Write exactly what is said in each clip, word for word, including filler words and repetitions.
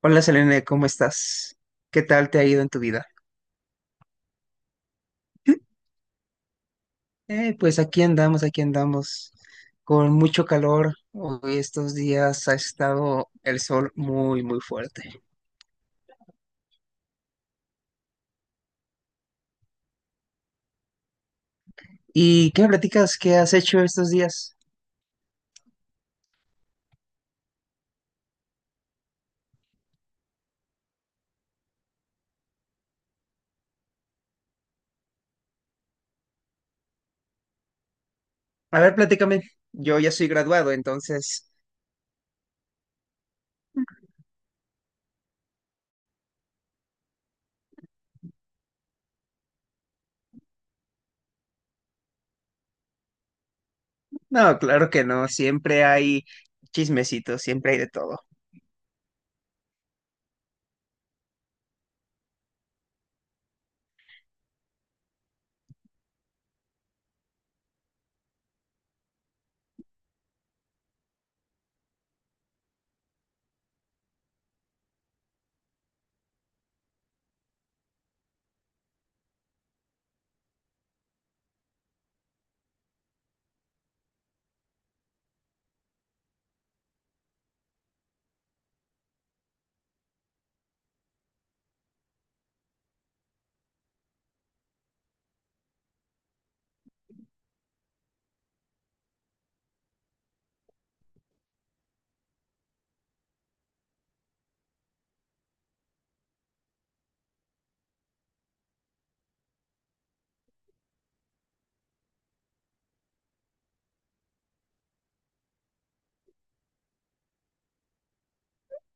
Hola Selene, ¿cómo estás? ¿Qué tal te ha ido en tu vida? Eh, pues aquí andamos, aquí andamos, con mucho calor. Hoy estos días ha estado el sol muy, muy fuerte. ¿Y qué me platicas? ¿Qué has hecho estos días? A ver, platícame. Yo ya soy graduado, entonces... No, claro que no. Siempre hay chismecitos, siempre hay de todo.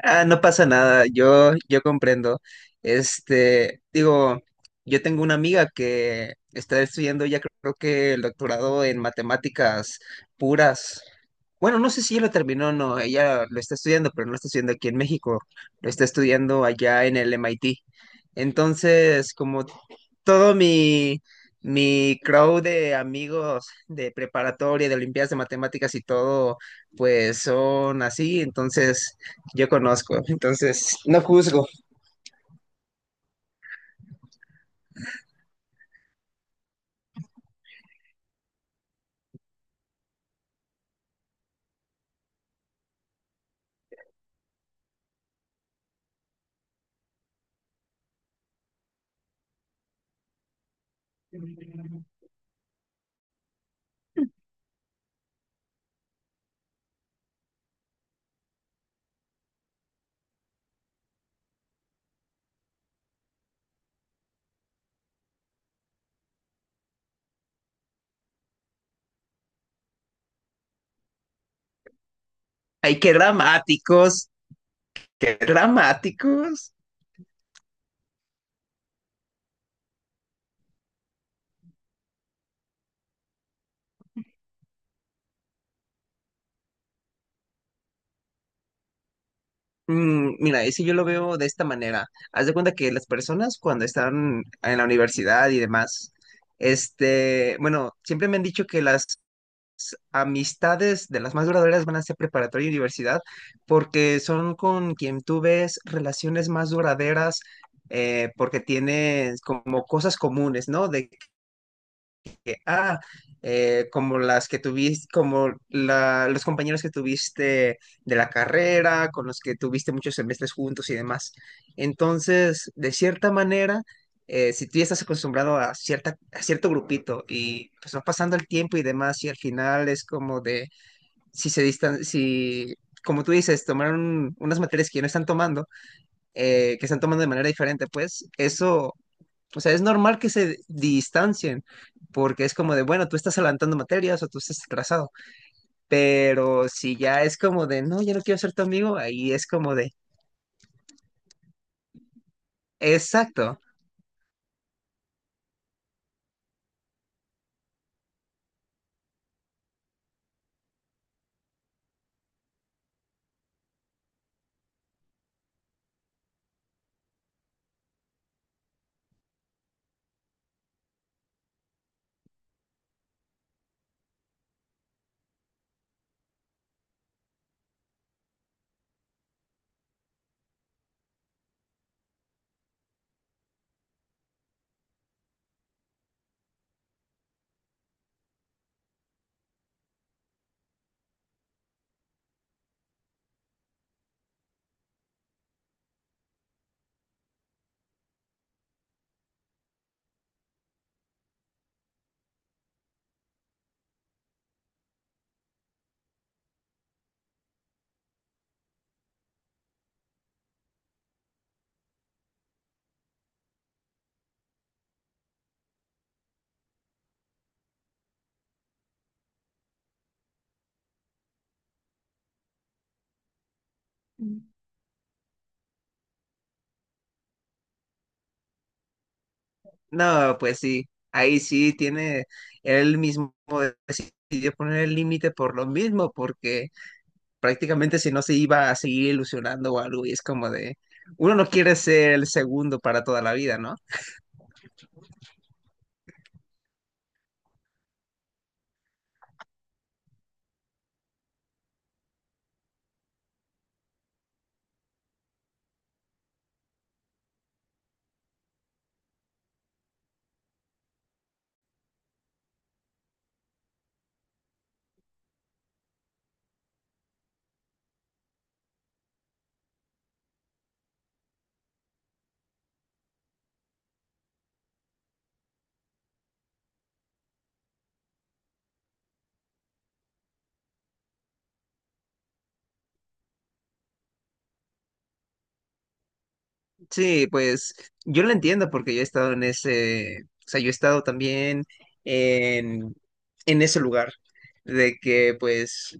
Ah, no pasa nada, yo, yo comprendo. Este, digo, yo tengo una amiga que está estudiando ya creo que el doctorado en matemáticas puras. Bueno, no sé si ella lo terminó o no, ella lo está estudiando, pero no lo está estudiando aquí en México, lo está estudiando allá en el M I T. Entonces, como todo mi, mi crowd de amigos de preparatoria, de Olimpiadas de Matemáticas y todo, pues son así, entonces yo conozco, entonces no juzgo. Ay, qué dramáticos, qué dramáticos. Mm, mira, y si yo lo veo de esta manera, haz de cuenta que las personas cuando están en la universidad y demás, este, bueno, siempre me han dicho que las amistades de las más duraderas van a ser preparatoria y universidad, porque son con quien tú ves relaciones más duraderas, eh, porque tienes como cosas comunes, ¿no? De ah, eh, como las que tuviste, como la- los compañeros que tuviste de la carrera, con los que tuviste muchos semestres juntos y demás. Entonces, de cierta manera, eh, si tú ya estás acostumbrado a cierta, a cierto grupito y pues va pasando el tiempo y demás, y al final es como de, si se distan, si, como tú dices, tomaron unas materias que ya no están tomando, eh, que están tomando de manera diferente, pues eso o sea, es normal que se distancien, porque es como de, bueno, tú estás adelantando materias o tú estás atrasado, pero si ya es como de, no, ya no quiero ser tu amigo, ahí es como de, exacto. No, pues sí, ahí sí tiene él mismo decidió poner el límite por lo mismo, porque prácticamente si no se iba a seguir ilusionando o algo, y es como de, uno no quiere ser el segundo para toda la vida, ¿no? Sí, pues yo lo entiendo porque yo he estado en ese, o sea, yo he estado también en, en ese lugar de que pues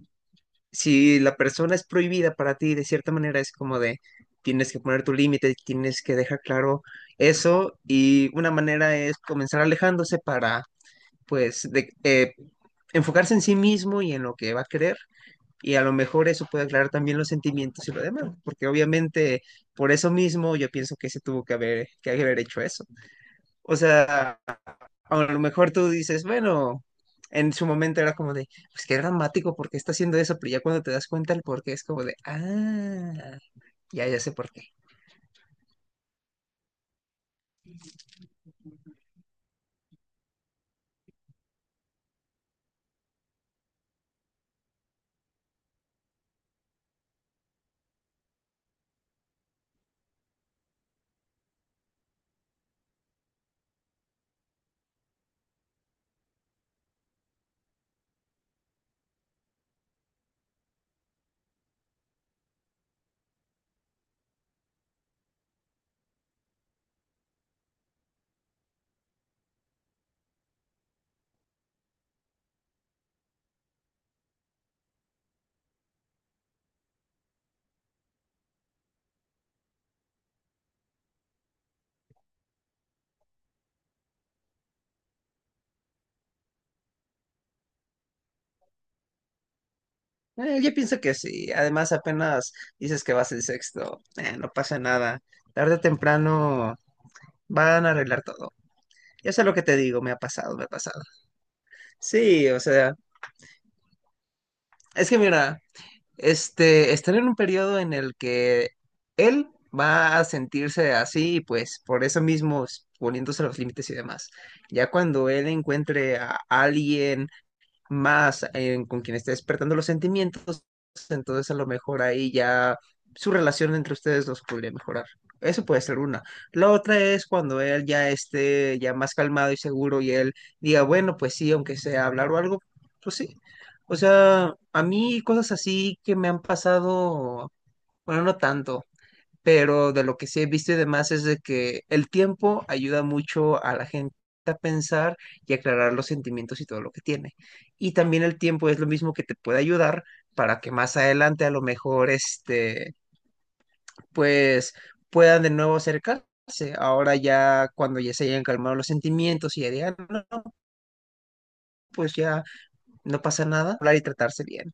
si la persona es prohibida para ti de cierta manera es como de tienes que poner tu límite, tienes que dejar claro eso y una manera es comenzar alejándose para pues de, eh, enfocarse en sí mismo y en lo que va a querer y a lo mejor eso puede aclarar también los sentimientos y lo demás, porque obviamente por eso mismo yo pienso que se tuvo que haber, que haber hecho eso. O sea, a lo mejor tú dices, bueno, en su momento era como de, pues qué dramático, porque está haciendo eso? Pero ya cuando te das cuenta el por qué es como de, ah, ya, ya sé por qué. Eh, yo pienso que sí, además apenas dices que vas el sexto, eh, no pasa nada, tarde o temprano van a arreglar todo. Ya sé lo que te digo, me ha pasado, me ha pasado. Sí, o sea, es que mira, este, están en un periodo en el que él va a sentirse así y pues por eso mismo s- poniéndose los límites y demás. Ya cuando él encuentre a alguien más en- con quien esté despertando los sentimientos, entonces a lo mejor ahí ya su relación entre ustedes los podría mejorar. Eso puede ser una. La otra es cuando él ya esté ya más calmado y seguro y él diga, bueno, pues sí, aunque sea hablar o algo, pues sí. O sea, a mí cosas así que me han pasado, bueno, no tanto pero de lo que sí he visto y demás es de que el tiempo ayuda mucho a la gente a pensar y aclarar los sentimientos y todo lo que tiene. Y también el tiempo es lo mismo que te puede ayudar para que más adelante a lo mejor este pues puedan de nuevo acercarse. Ahora ya cuando ya se hayan calmado los sentimientos y ya digan, "No, no, pues ya no pasa nada, hablar y tratarse bien.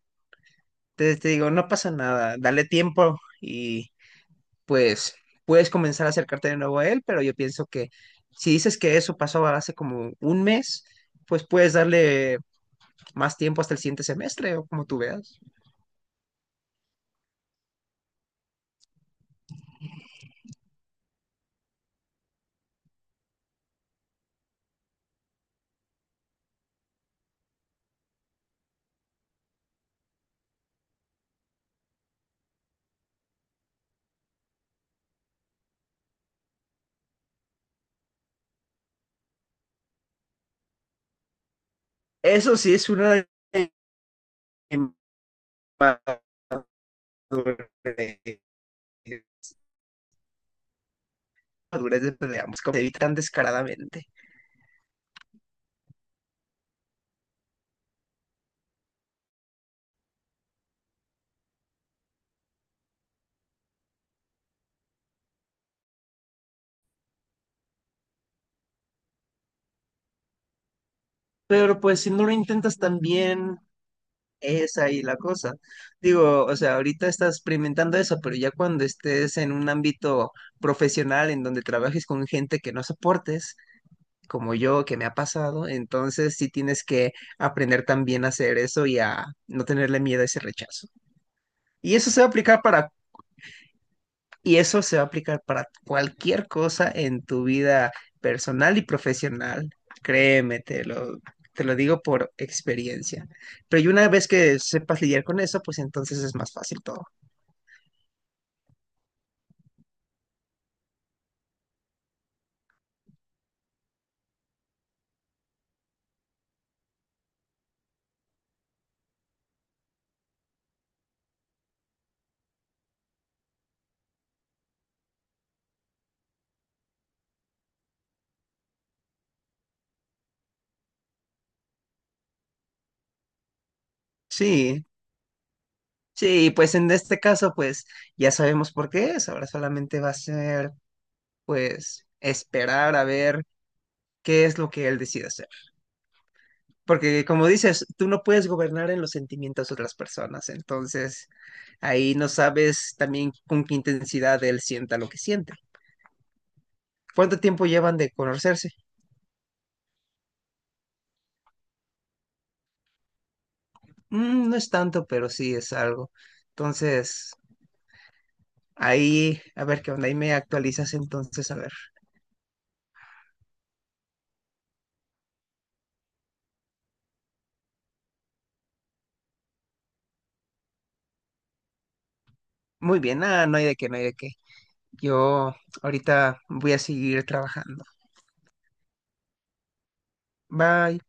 Entonces te digo, no pasa nada, dale tiempo y pues puedes comenzar a acercarte de nuevo a él, pero yo pienso que si dices que eso pasó hace como un mes, pues puedes darle más tiempo hasta el siguiente semestre o como tú veas. Eso sí es una de madurez de de ambos, como se evitan descaradamente. Pero pues si no lo intentas también, es ahí la cosa. Digo, o sea, ahorita estás experimentando eso, pero ya cuando estés en un ámbito profesional en donde trabajes con gente que no soportes, como yo, que me ha pasado, entonces sí tienes que aprender también a hacer eso y a no tenerle miedo a ese rechazo. Y eso se va a aplicar para, y eso se va a aplicar para cualquier cosa en tu vida personal y profesional. Créeme, te lo, te lo digo por experiencia. Pero y una vez que sepas lidiar con eso, pues entonces es más fácil todo. Sí, sí, pues en este caso, pues ya sabemos por qué es. Ahora solamente va a ser, pues, esperar a ver qué es lo que él decide hacer. Porque como dices, tú no puedes gobernar en los sentimientos de otras personas. Entonces, ahí no sabes también con qué intensidad él sienta lo que siente. ¿Cuánto tiempo llevan de conocerse? Mm, no es tanto, pero sí es algo. Entonces, ahí, a ver qué onda, ahí me actualizas entonces, a ver. Muy bien, ah, no hay de qué, no hay de qué. Yo ahorita voy a seguir trabajando. Bye.